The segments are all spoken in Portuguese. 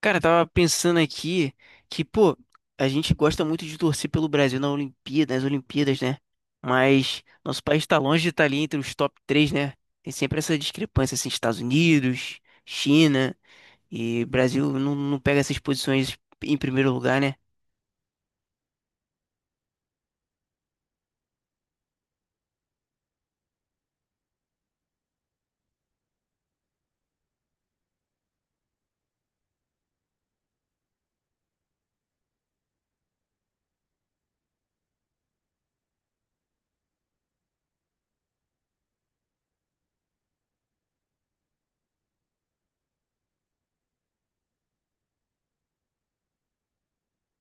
Cara, eu tava pensando aqui que, pô, a gente gosta muito de torcer pelo Brasil na Olimpíada, nas Olimpíadas, né? Mas nosso país tá longe de estar ali entre os top 3, né? Tem sempre essa discrepância, assim, Estados Unidos, China e Brasil não pega essas posições em primeiro lugar, né?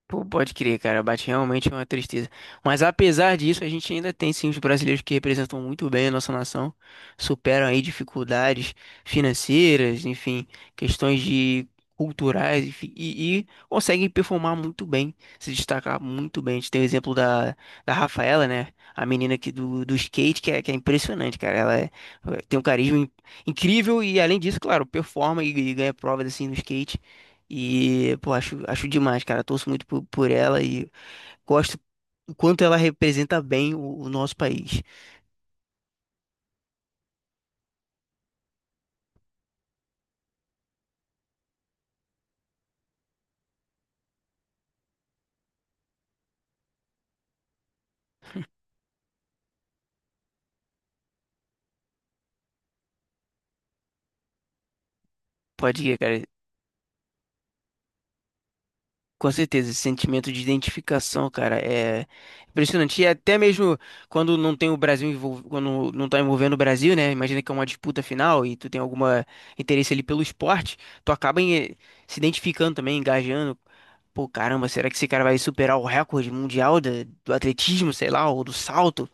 Pô, pode crer, cara, bate realmente uma tristeza. Mas apesar disso, a gente ainda tem sim os brasileiros que representam muito bem a nossa nação, superam aí dificuldades financeiras, enfim, questões de culturais, enfim, e conseguem performar muito bem, se destacar muito bem. A gente tem o exemplo da Rafaela, né? A menina aqui do skate, que é impressionante, cara. Tem um carisma incrível e, além disso, claro, performa e ganha provas assim no skate. E, pô, acho demais, cara. Torço muito por ela e gosto o quanto ela representa bem o nosso país. Pode ir, cara. Com certeza, esse sentimento de identificação, cara, é impressionante. E até mesmo quando não tá envolvendo o Brasil, né? Imagina que é uma disputa final e tu tem alguma interesse ali pelo esporte, tu acaba em- se identificando também, engajando. Pô, caramba, será que esse cara vai superar o recorde mundial do atletismo, sei lá, ou do salto?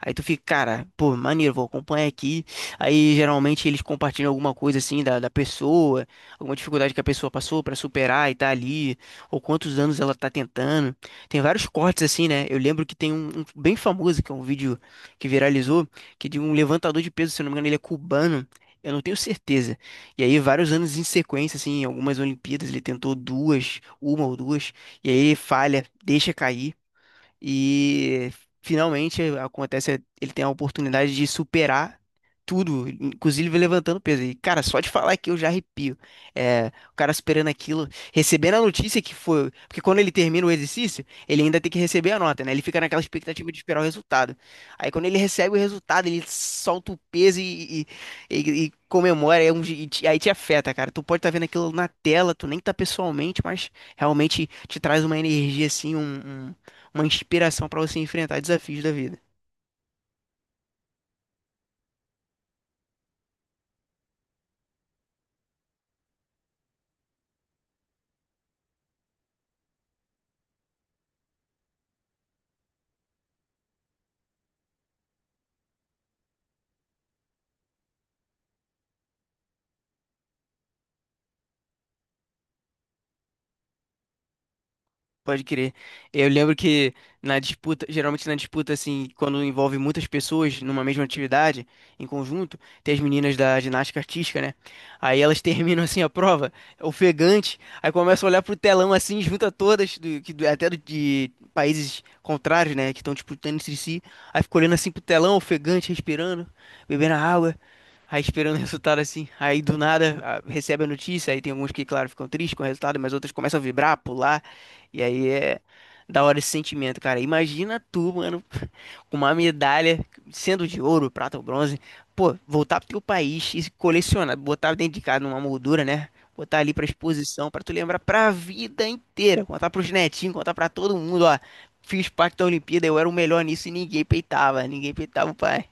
Aí tu fica, cara, pô, maneiro, vou acompanhar aqui. Aí geralmente eles compartilham alguma coisa assim da pessoa, alguma dificuldade que a pessoa passou pra superar e tá ali, ou quantos anos ela tá tentando. Tem vários cortes assim, né? Eu lembro que tem um bem famoso, que é um vídeo que viralizou, que é de um levantador de peso, se eu não me engano, ele é cubano. Eu não tenho certeza. E aí, vários anos em sequência, assim, em algumas Olimpíadas, ele tentou duas, uma ou duas, e aí ele falha, deixa cair. E finalmente acontece, ele tem a oportunidade de superar tudo, inclusive levantando peso. E cara, só de falar aqui eu já arrepio. É, o cara superando aquilo, recebendo a notícia que foi, porque quando ele termina o exercício, ele ainda tem que receber a nota, né? Ele fica naquela expectativa de esperar o resultado. Aí quando ele recebe o resultado, ele solta o peso e comemora, aí te afeta, cara. Tu pode estar vendo aquilo na tela, tu nem tá pessoalmente, mas realmente te traz uma energia assim, um uma inspiração para você enfrentar desafios da vida. Pode crer. É, eu lembro que geralmente na disputa, assim, quando envolve muitas pessoas numa mesma atividade, em conjunto, tem as meninas da ginástica artística, né? Aí elas terminam, assim, a prova, ofegante, aí começam a olhar pro telão, assim, junta todas, do, que, do- até do- de países contrários, né, que estão disputando entre si, aí fica olhando, assim, pro telão, ofegante, respirando, bebendo água, aí esperando o resultado, assim. Aí, do nada, recebe a notícia, aí tem alguns que, claro, ficam tristes com o resultado, mas outros começam a vibrar, pular, e aí é da hora esse sentimento, cara. Imagina tu, mano, com uma medalha, sendo de ouro, prata ou bronze, pô, voltar pro teu país e colecionar, botar dentro de casa numa moldura, né? Botar ali pra exposição, pra tu lembrar pra vida inteira, contar pros netinhos, contar pra todo mundo, ó. Fiz parte da Olimpíada, eu era o melhor nisso e ninguém peitava o pai.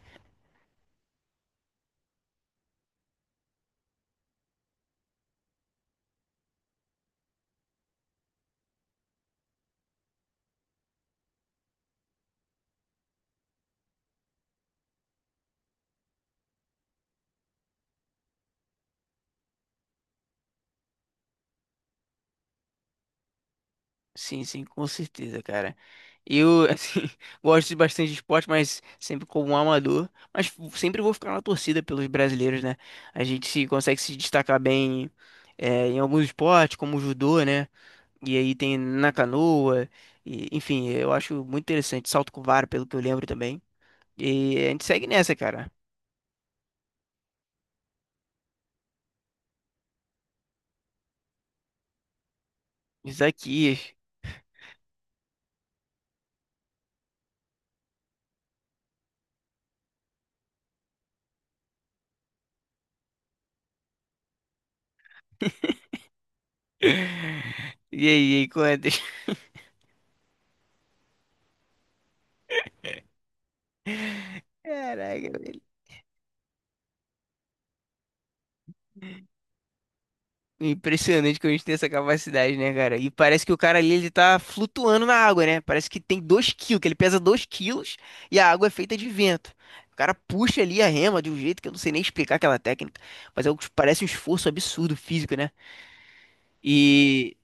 Sim, sim, com certeza, cara. Eu, assim, gosto de bastante de esporte, mas sempre como um amador. Mas sempre vou ficar na torcida pelos brasileiros, né? A gente se, consegue se destacar bem é, em alguns esportes, como o judô, né? E aí tem na canoa. E, enfim, eu acho muito interessante. Salto com vara, pelo que eu lembro também. E a gente segue nessa, cara. Isso aqui. E aí, quantas? Caraca, impressionante que a gente tem essa capacidade, né, cara? E parece que o cara ali, ele tá flutuando na água, né? Parece que tem 2 quilos, que ele pesa 2 quilos e a água é feita de vento. O cara puxa ali a rema de um jeito que eu não sei nem explicar aquela técnica, mas é, o que parece um esforço absurdo físico, né? E,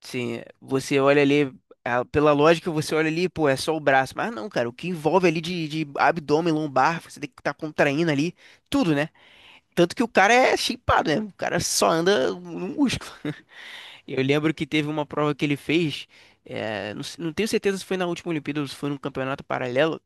sim, você olha ali, ah, pela lógica, você olha ali, pô, é só o braço. Mas não, cara, o que envolve ali de abdômen, lombar, você tem que estar tá contraindo ali, tudo, né? Tanto que o cara é shapeado, né? O cara só anda no músculo. Eu lembro que teve uma prova que ele fez, não tenho certeza se foi na última Olimpíada ou se foi num campeonato paralelo,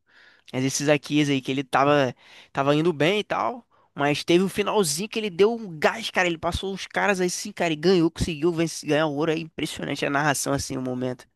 mas esses Akias aí que tava indo bem e tal, mas teve um finalzinho que ele deu um gás, cara, ele passou os caras aí sim, cara, e ganhou, conseguiu vencer, ganhar o ouro, é impressionante a narração assim, o momento.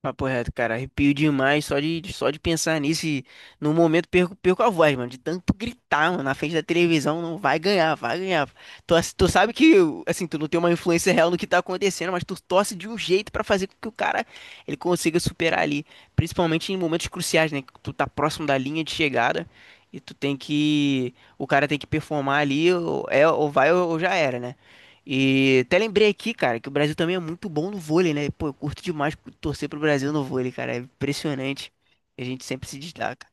Papo reto, cara, arrepio demais só de pensar nisso e no momento perco a voz, mano, de tanto gritar, mano, na frente da televisão, não vai ganhar, vai ganhar. Tu sabe que, assim, tu não tem uma influência real no que tá acontecendo, mas tu torce de um jeito pra fazer com que o cara, ele consiga superar ali, principalmente em momentos cruciais, né, que tu tá próximo da linha de chegada e tu tem que, o cara tem que performar ali, ou, é, ou vai ou já era, né? E até lembrei aqui, cara, que o Brasil também é muito bom no vôlei, né? Pô, eu curto demais torcer pro Brasil no vôlei, cara. É impressionante. A gente sempre se destaca.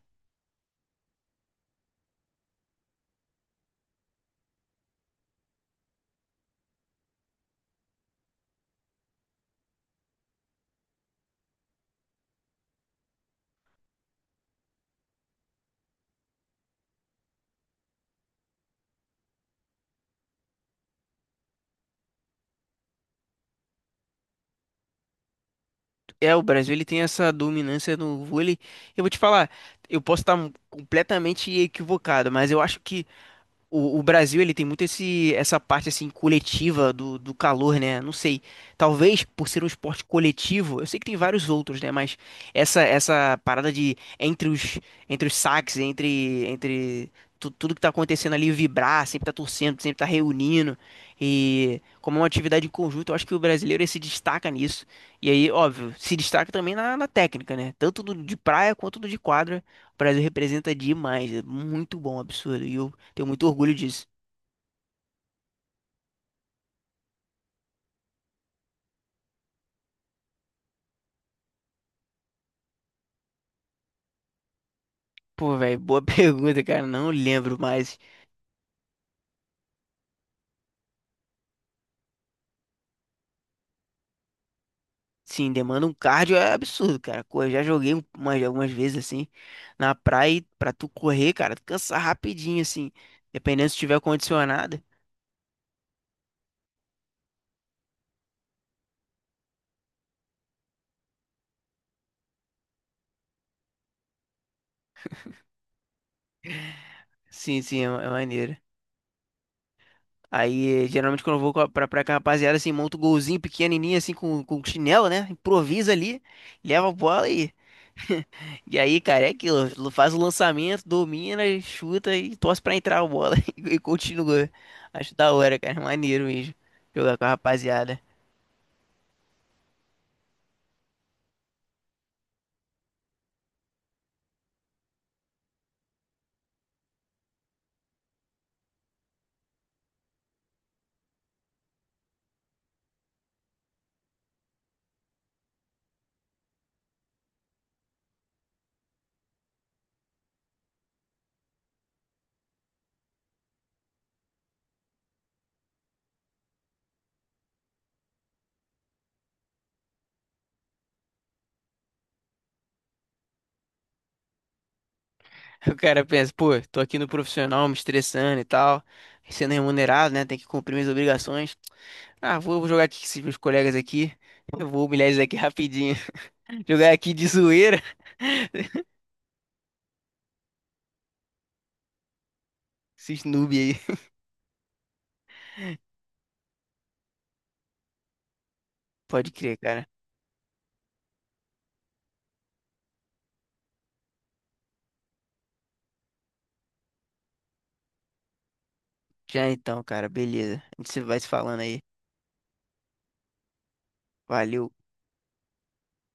É, o Brasil ele tem essa dominância no vôlei. Eu vou te falar, eu posso estar completamente equivocado, mas eu acho que o Brasil, ele tem muito esse, essa parte, assim, coletiva do calor, né? Não sei. Talvez por ser um esporte coletivo, eu sei que tem vários outros, né? Mas essa parada entre os saques, entre tudo que tá acontecendo ali, vibrar, sempre tá torcendo, sempre tá reunindo. E como é uma atividade em conjunto, eu acho que o brasileiro ele se destaca nisso. E aí, óbvio, se destaca também na técnica, né? Tanto do de praia quanto do de quadra. O Brasil representa demais. É muito bom, absurdo. E eu tenho muito orgulho disso. Pô, velho, boa pergunta, cara. Não lembro, mais sim, demanda um cardio é absurdo, cara. Correr, já joguei algumas vezes assim na praia e pra tu correr, cara, tu cansa rapidinho, assim. Dependendo se tiver condicionada. Sim, sim, é, é maneiro. Aí, eh, geralmente, quando eu vou pra praia com a rapaziada, assim, monta um golzinho pequenininho, assim, com chinelo, né? Improvisa ali, leva a bola e E aí, cara, é aquilo. Faz o lançamento, domina, chuta e torce pra entrar a bola. E continua. Acho da hora, cara. Maneiro mesmo. Jogar com a rapaziada. O cara pensa, pô, tô aqui no profissional, me estressando e tal. Sendo remunerado, né? Tem que cumprir minhas obrigações. Ah, vou jogar aqui com esses meus colegas aqui. Eu vou humilhar eles aqui rapidinho. Jogar aqui de zoeira. Esses noob aí. Pode crer, cara. Já então, cara. Beleza. A gente se- Vai se falando aí. Valeu.